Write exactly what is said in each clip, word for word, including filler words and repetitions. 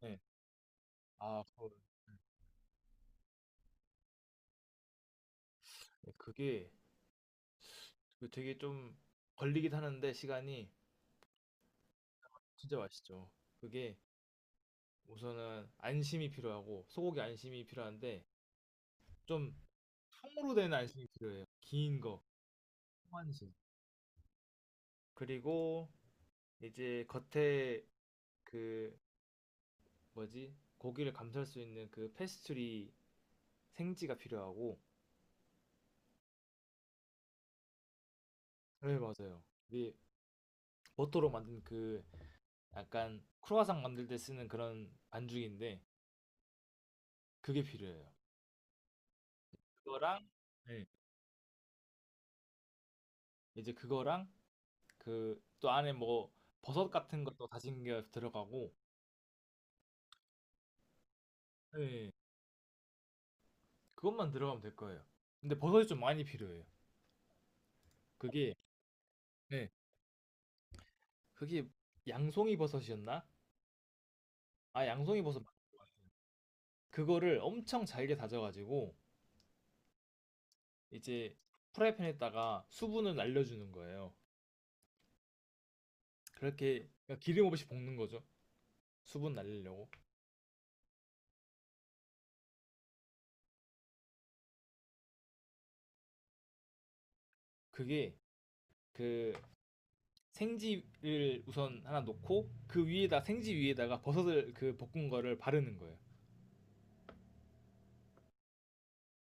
네. 아, 그거 네, 그게 그 되게 좀 걸리긴 하는데 시간이 진짜 맛있죠. 그게 우선은 안심이 필요하고 소고기 안심이 필요한데 좀 통으로 된 안심이 필요해요. 긴 거, 통안심. 그리고 이제 겉에 그 뭐지? 고기를 감쌀 수 있는 그 페스츄리 생지가 필요하고 네, 맞아요. 이게 버터로 만든 그 약간 크루아상 만들 때 쓰는 그런 반죽인데 그게 필요해요. 그거랑 네. 이제 그거랑 그 또 안에 뭐 버섯 같은 것도 다진게 들어가고 예, 그것만 들어가면 될 거예요. 근데 버섯이 좀 많이 필요해요. 그게 예, 그게 양송이 버섯이었나? 아 양송이 버섯 맞- 그거를 엄청 잘게 다져가지고 이제 프라이팬에다가 수분을 날려주는 거예요. 그렇게 그러니까 기름 없이 볶는 거죠. 수분 날리려고. 그게 그 생지를 우선 하나 놓고 그 위에다 생지 위에다가 버섯을 그 볶은 거를 바르는 거예요.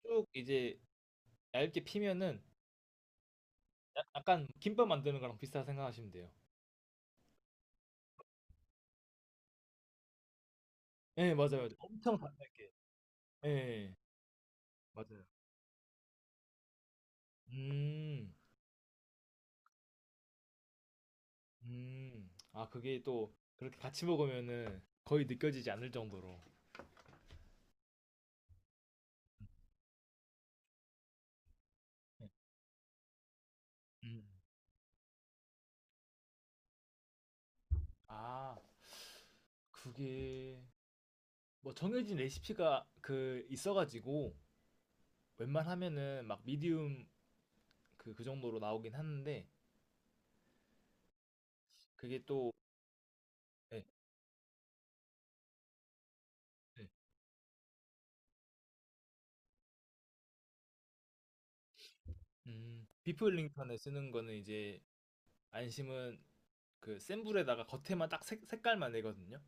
쭉 이제 얇게 피면은 야- 약간 김밥 만드는 거랑 비슷하다 생각하시면 돼요. 예, 맞아요. 엄청 단단하게. 예, 맞아요. 음, 음. 아, 그게 또 그렇게 같이 먹으면은 거의 느껴지지 않을 정도로. 예. 음. 아, 그게 뭐 정해진 레시피가 그 있어가지고 웬만하면은 막 미디움 그, 그 정도로 나오긴 하는데 그게 또 예, 예. 음, 비프 링턴에 쓰는 거는 이제 안심은 그 센 불에다가 겉에만 딱 색, 색깔만 내거든요.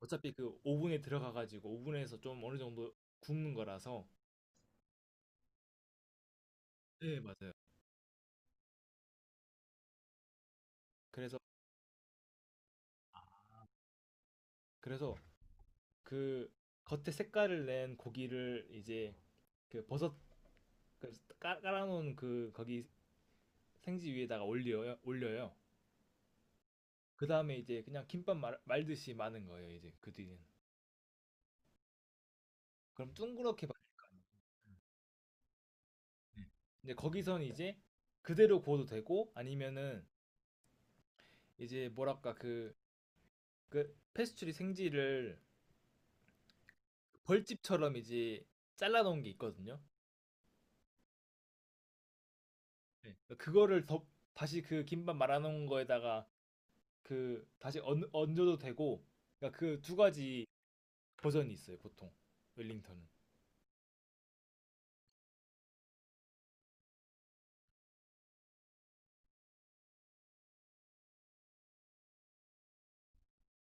어차피 그 오븐에 들어가가지고 오븐에서 좀 어느 정도 굽는 거라서. 네, 맞아요. 그래서 그래서 그 겉에 색깔을 낸 고기를 이제 그 버섯 그 깔- 깔아놓은 그 거기 생지 위에다가 올려요. 올려요. 그 다음에 이제 그냥 김밥 말, 말듯이 마는 거예요. 이제 그 뒤는. 그럼 둥그렇게 말릴 거 아니에요. 네. 이제 거기선 이제 그대로 구워도 되고 아니면은 이제 뭐랄까 그 그 페스츄리 생지를 벌집처럼 이제 잘라놓은 게 있거든요. 네. 그거를 더 다시 그 김밥 말아놓은 거에다가 그 다시 얹, 얹어도 되고 그러니까 그 두 가지 버전이 있어요 보통 웰링턴은.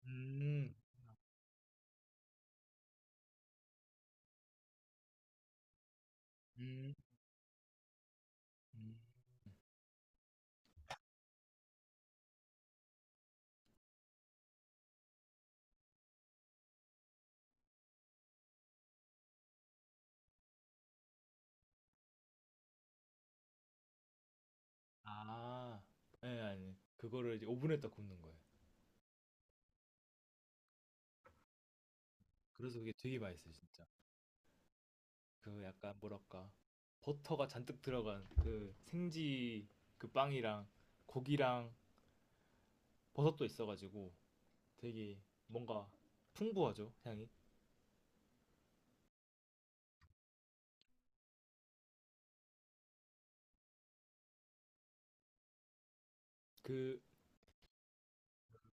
음, 음, 음. 아, 예, 아니 그거를 이제 오븐에다 굽는 거예요. 그래서 그게 되게 맛있어요 진짜. 그 약간 뭐랄까 버터가 잔뜩 들어간 그 생지 그 빵이랑 고기랑 버섯도 있어가지고 되게 뭔가 풍부하죠 향이 그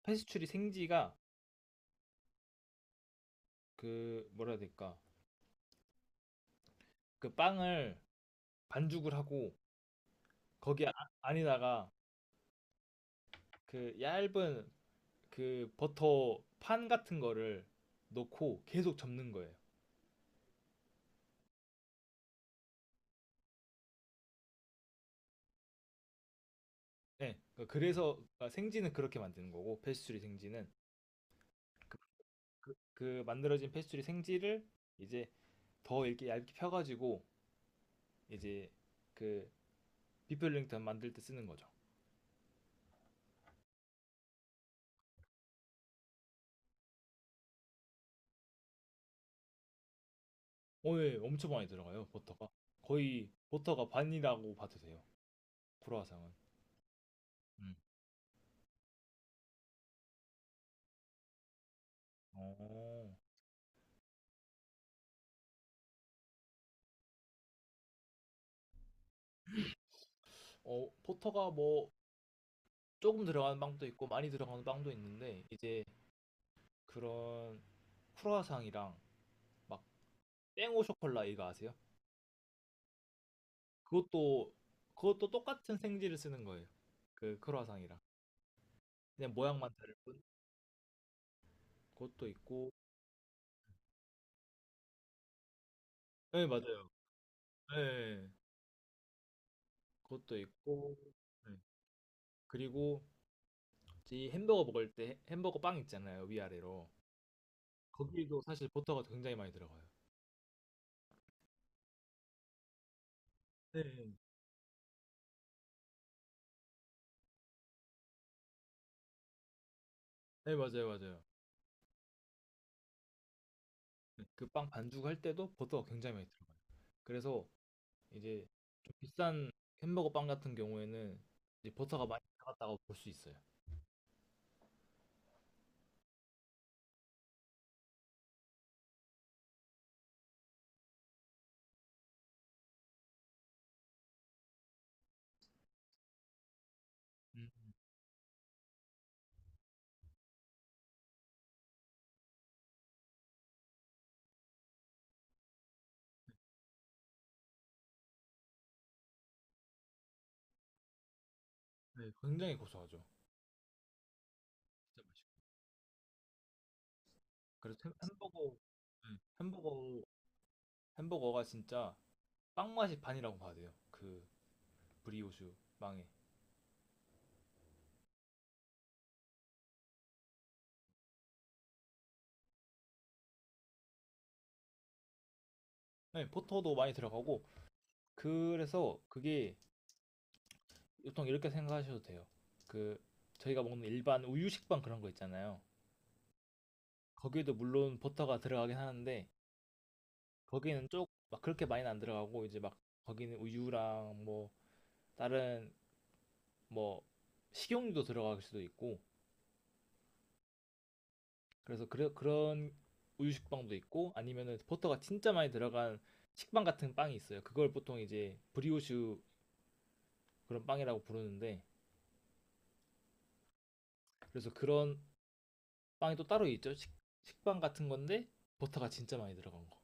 페스츄리 생지가 그 뭐라 해야 될까 그 빵을 반죽을 하고 거기 아, 안에다가 그 얇은 그 버터 판 같은 거를 넣고 계속 접는 거예요. 네, 그래서 생지는 그렇게 만드는 거고 페스츄리 생지는 그 만들어진 페스츄리 생지를 이제 더 이렇게 얇게 펴가지고 이제 그 비펠링턴 만들 때 쓰는 거죠. 오 엄청 많이 들어가요, 버터가. 거의 버터가 반이라고 봐도 돼요. 크로아상은. 음. 어, 어, 버터가 뭐 조금 들어가는 빵도 있고 많이 들어가는 빵도 있는데 이제 그런 크로아상이랑 막 땡오 쇼콜라 이거 아세요? 그것도 그것도 똑같은 생지를 쓰는 거예요. 그 크로아상이랑 그냥 모양만 다를 뿐. 그것도 있고, 네 맞아요. 네, 그것도 있고, 네. 그리고 이 햄버거 먹을 때 햄버거 빵 있잖아요 위아래로. 거기도 사실 버터가 굉장히 많이 들어가요. 네, 네. 네, 맞아요, 맞아요. 네, 그빵 반죽 할 때도 버터가 굉장히 많이 들어가요. 그래서 이제 좀 비싼 햄버거 빵 같은 경우에는 이제 버터가 많이 들어갔다고 볼 수 있어요. 음. 네, 굉장히 고소하죠. 진짜 맛있고. 그래서 햄- 햄버거, 네, 햄버거, 햄버거가 진짜 빵 맛이 반이라고 봐야 돼요. 그 브리오슈 빵에. 네, 버터도 많이 들어가고 그래서 그게 보통 이렇게 생각하셔도 돼요. 그 저희가 먹는 일반 우유 식빵 그런 거 있잖아요. 거기에도 물론 버터가 들어가긴 하는데 거기는 쪽 막 그렇게 많이는 안 들어가고 이제 막 거기는 우유랑 뭐 다른 뭐 식용유도 들어갈 수도 있고 그래서 그래, 그런 우유 식빵도 있고 아니면은 버터가 진짜 많이 들어간 식빵 같은 빵이 있어요. 그걸 보통 이제 브리오슈 그런 빵이라고 부르는데 그래서 그런 빵이 또 따로 있죠. 식, 식빵 같은 건데 버터가 진짜 많이 들어간 거.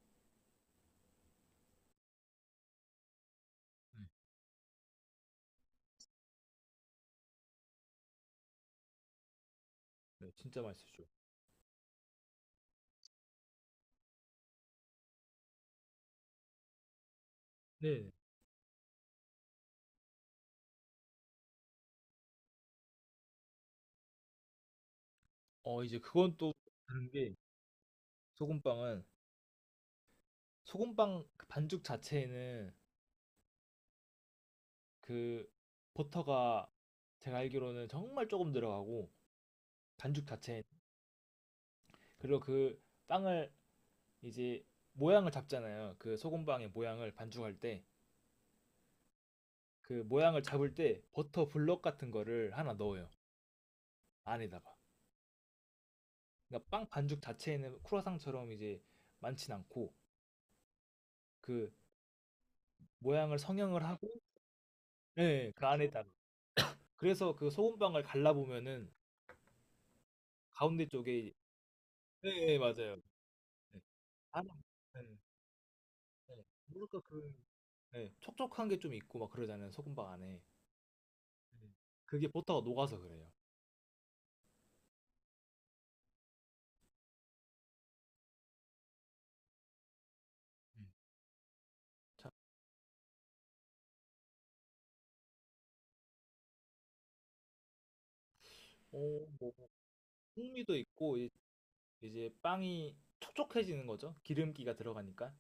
네. 네, 진짜 맛있었죠. 네. 어, 이제 그건 또 다른 게 소금빵은 소금빵 그 반죽 자체에는 그 버터가 제가 알기로는 정말 조금 들어가고 반죽 자체에 그리고 그 빵을 이제 모양을 잡잖아요. 그 소금빵의 모양을 반죽할 때 그 모양을 잡을 때 버터 블럭 같은 거를 하나 넣어요. 안에다가. 그러니까 빵 반죽 자체에는 크루아상처럼 이제 많진 않고 그 모양을 성형을 하고 네, 그 안에다가 그래서 그 소금빵을 갈라보면은 가운데 쪽에 네, 네, 맞아요. 네. 안에 네. 네. 뭐랄까 그 네. 촉촉한 게 좀 있고 막 그러잖아요. 소금빵 안에. 네. 그게 버터가 녹아서 그래요. 네. 자, 어, 뭐 풍미도 있고 이- 이제 빵이 촉촉해지는 거죠. 기름기가 들어가니까.